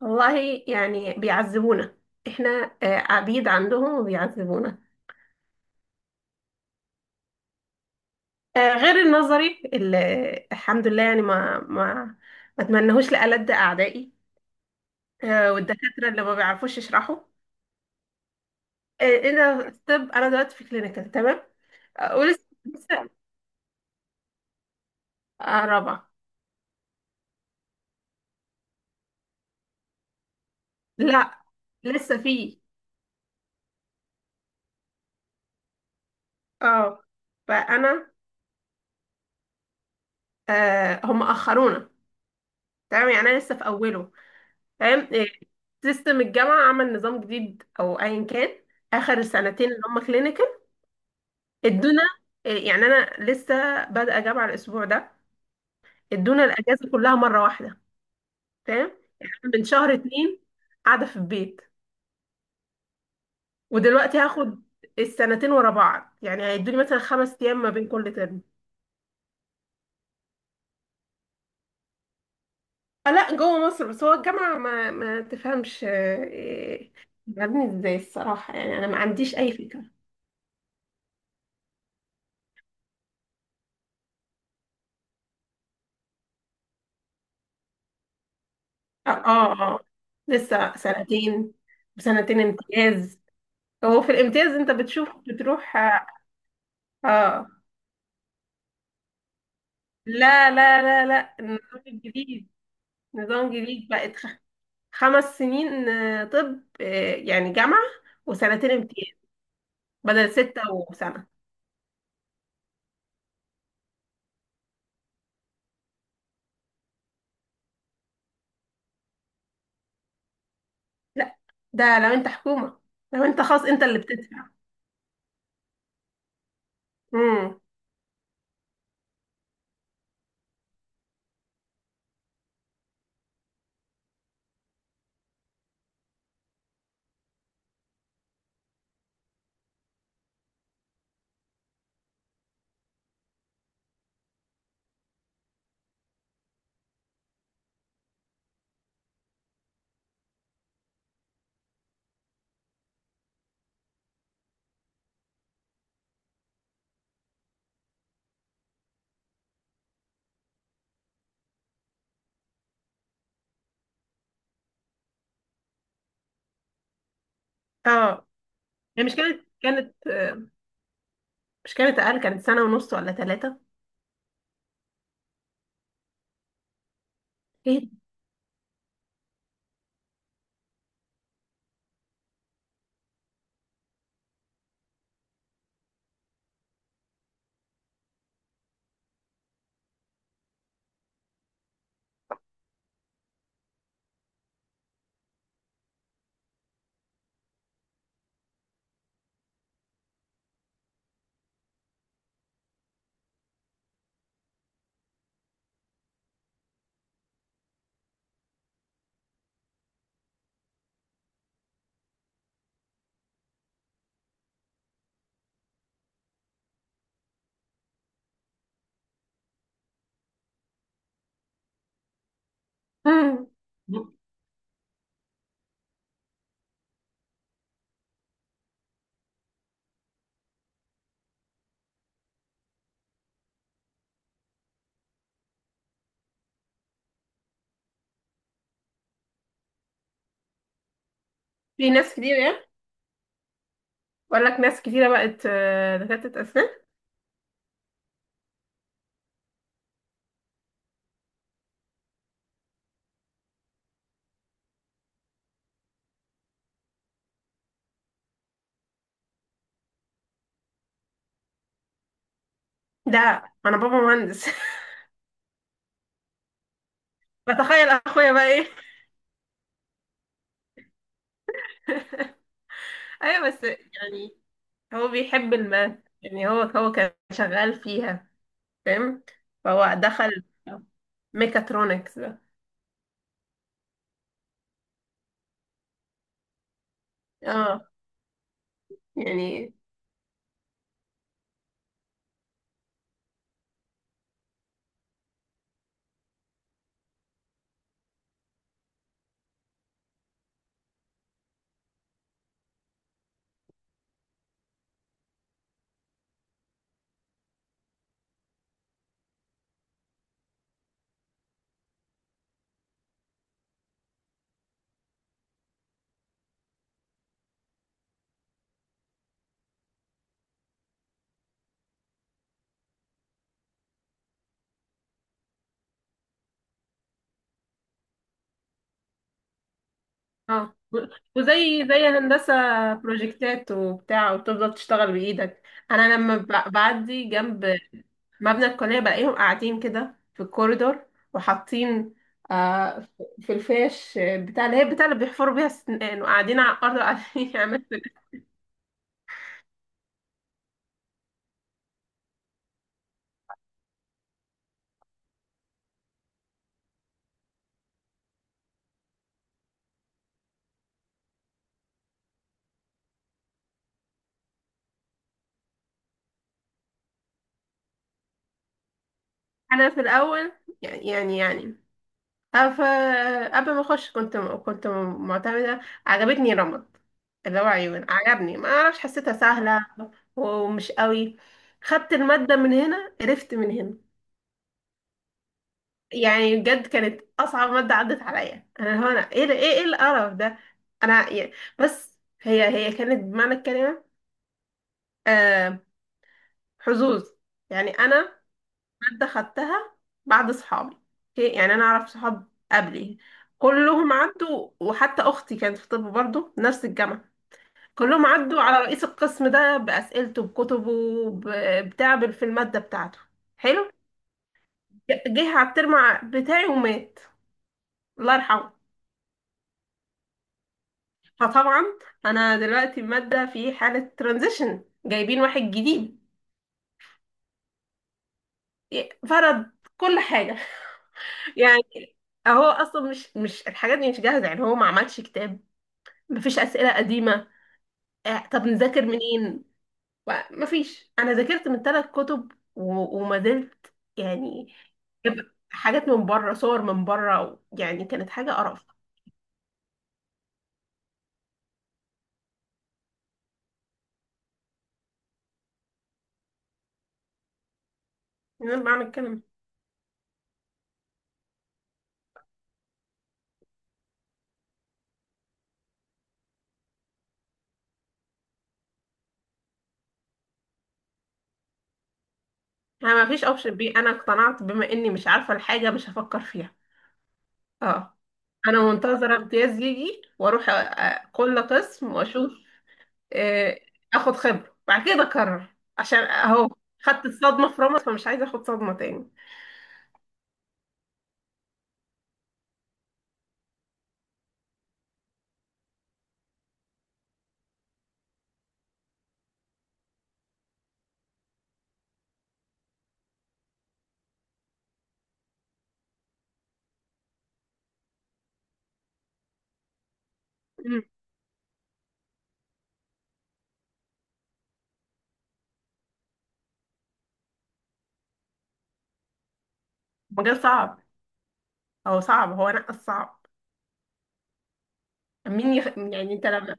والله يعني بيعذبونا، احنا. عبيد عندهم وبيعذبونا. غير النظري اللي... الحمد لله، يعني ما اتمنهوش لألد أعدائي. والدكاترة اللي ما بيعرفوش يشرحوا. انا طب، انا دلوقتي في كلينيكال، تمام. ولسه رابعة. لا، لسه في، اه فانا، هم اخرونا. تمام، يعني انا لسه في اوله. تمام. سيستم الجامعة عمل نظام جديد أو أيا كان. آخر السنتين اللي هم كلينيكال، ادونا. يعني أنا لسه بادئة جامعة الأسبوع ده. ادونا الأجازة كلها مرة واحدة. تمام. يعني أنا من شهر اتنين قاعدة في البيت، ودلوقتي هاخد السنتين ورا بعض. يعني هيدوني مثلا خمس أيام ما بين كل ترم. لا، جوه مصر. بس هو الجامعة ما ما تفهمش. آه، إيه، عاملين ازاي الصراحة؟ يعني أنا ما عنديش أي فكرة. اه، اه، آه. لسه سنتين. سنتين امتياز. هو في الامتياز انت بتشوف، بتروح. اه. آه. لا لا لا لا، النظام الجديد. نظام جديد، بقت خمس سنين. طب، يعني جامعة وسنتين امتياز، بدل ستة وسنة. لا، ده لو انت حكومة. لو انت خاص، انت اللي بتدفع. امم. اه، هي مش كانت كانت مش كانت اقل، كانت سنة ونص ولا ثلاثة. ايه ده؟ مم. في ناس كتير، يعني. بقول لك، ناس كتيرة بقت دكاترة أسنان. ده أنا بابا مهندس. بتخيل أخويا بقى إيه. أيوة، بس يعني، هو بيحب الماث. يعني هو كان شغال فيها، فاهم؟ فهو دخل ميكاترونكس ده. اه، يعني، اه. وزي الهندسة، بروجكتات وبتاع، وتفضل تشتغل بإيدك. أنا لما بعدي جنب مبنى الكلية، بلاقيهم قاعدين كده في الكوريدور، وحاطين في في الفيش بتاع اللي هي بتاع اللي بيحفروا بيها السنان، وقاعدين على الأرض، وقاعدين يعملوا أنا في الأول، يعني، أف... قبل ما أخش كنت كنت معتمدة. عجبتني رمد، اللي هو عيون. عجبني، ما أعرفش، حسيتها سهلة ومش قوي. خدت المادة من هنا، قرفت من هنا. يعني بجد كانت اصعب ماده عدت عليا. انا هنا، ايه ده، ايه ايه القرف ده. انا يعني، بس هي كانت بمعنى الكلمه آه حظوظ. يعني انا، ماده خدتها بعد صحابي. اوكي، يعني انا اعرف صحاب قبلي كلهم عدوا، وحتى اختي كانت في طب برضه نفس الجامعه، كلهم عدوا على رئيس القسم ده، باسئلته، بكتبه، بتعب في الماده بتاعته. حلو. جه على الترم بتاعي ومات، الله يرحمه. فطبعا، انا دلوقتي مادة في حالة ترانزيشن، جايبين واحد جديد. فرض كل حاجة. يعني هو اصلا مش مش الحاجات دي مش جاهزة. يعني هو ما عملش كتاب، مفيش اسئلة قديمة. طب نذاكر منين؟ مفيش. انا ذاكرت من ثلاث كتب، وما زلت يعني جايبة حاجات من بره، صور من بره. يعني كانت حاجة قرف. من بعمل الكلام. انا مفيش اوبشن بي. انا اقتنعت بما اني مش عارفة الحاجة، مش هفكر فيها. اه، انا منتظره امتياز يجي واروح كل قسم واشوف. آه، اخد خبره، بعد كده اقرر، عشان اهو خدت الصدمه في رمض، فمش عايزه اخد صدمه تاني. مم. مجال صعب. هو صعب، هو نقص صعب. يعني انت لما...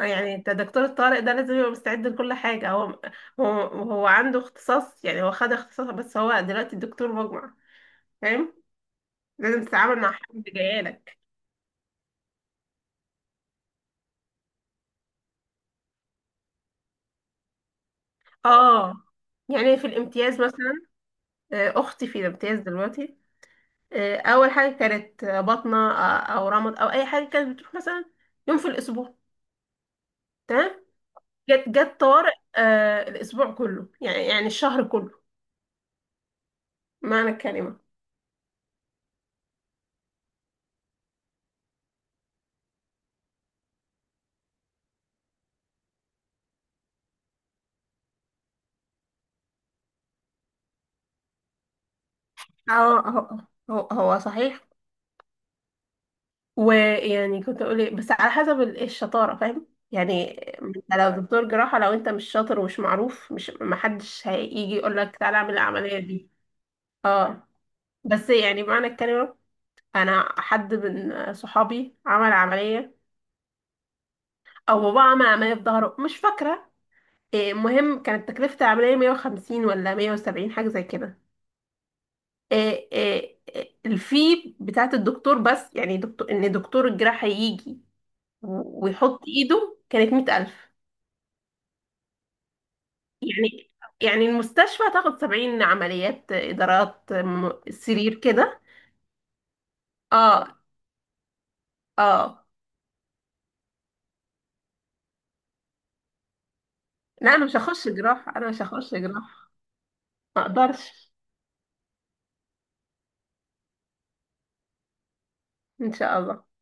يعني انت دكتور الطارق ده لازم يبقى مستعد لكل حاجه. هو هو عنده اختصاص، يعني هو خد اختصاص، بس هو دلوقتي الدكتور مجمع. فاهم؟ لازم تتعامل مع حد جايلك. اه، يعني في الامتياز مثلا. اختي في الامتياز دلوقتي. اول حاجه كانت بطنه، او رمض او اي حاجه، كانت بتروح مثلا يوم في الاسبوع، تمام. جت طوارئ، الاسبوع كله، يعني الشهر كله، معنى الكلمه. هو هو هو صحيح. ويعني كنت اقول ايه، بس على حسب الشطاره، فاهم يعني؟ انت لو دكتور جراحه، لو انت مش شاطر ومش معروف، مش محدش هيجي يقول لك تعالى اعمل العمليه دي. اه. بس يعني، معنى الكلمه، انا حد من صحابي عمل عمليه، او بابا عمل عمليه في ظهره مش فاكره. المهم كانت تكلفه العمليه 150 ولا 170، حاجه زي كده. إيه، إيه، إيه، الفي بتاعه الدكتور. بس يعني دكتور، ان دكتور الجراحه يجي ويحط ايده، كانت 100,000. يعني، المستشفى تاخد 70 عمليات إدارات، سرير كده. اه، اه، لا، انا مش هخش جراحه، انا مش هخش جراحه. ما اقدرش. ان شاء الله.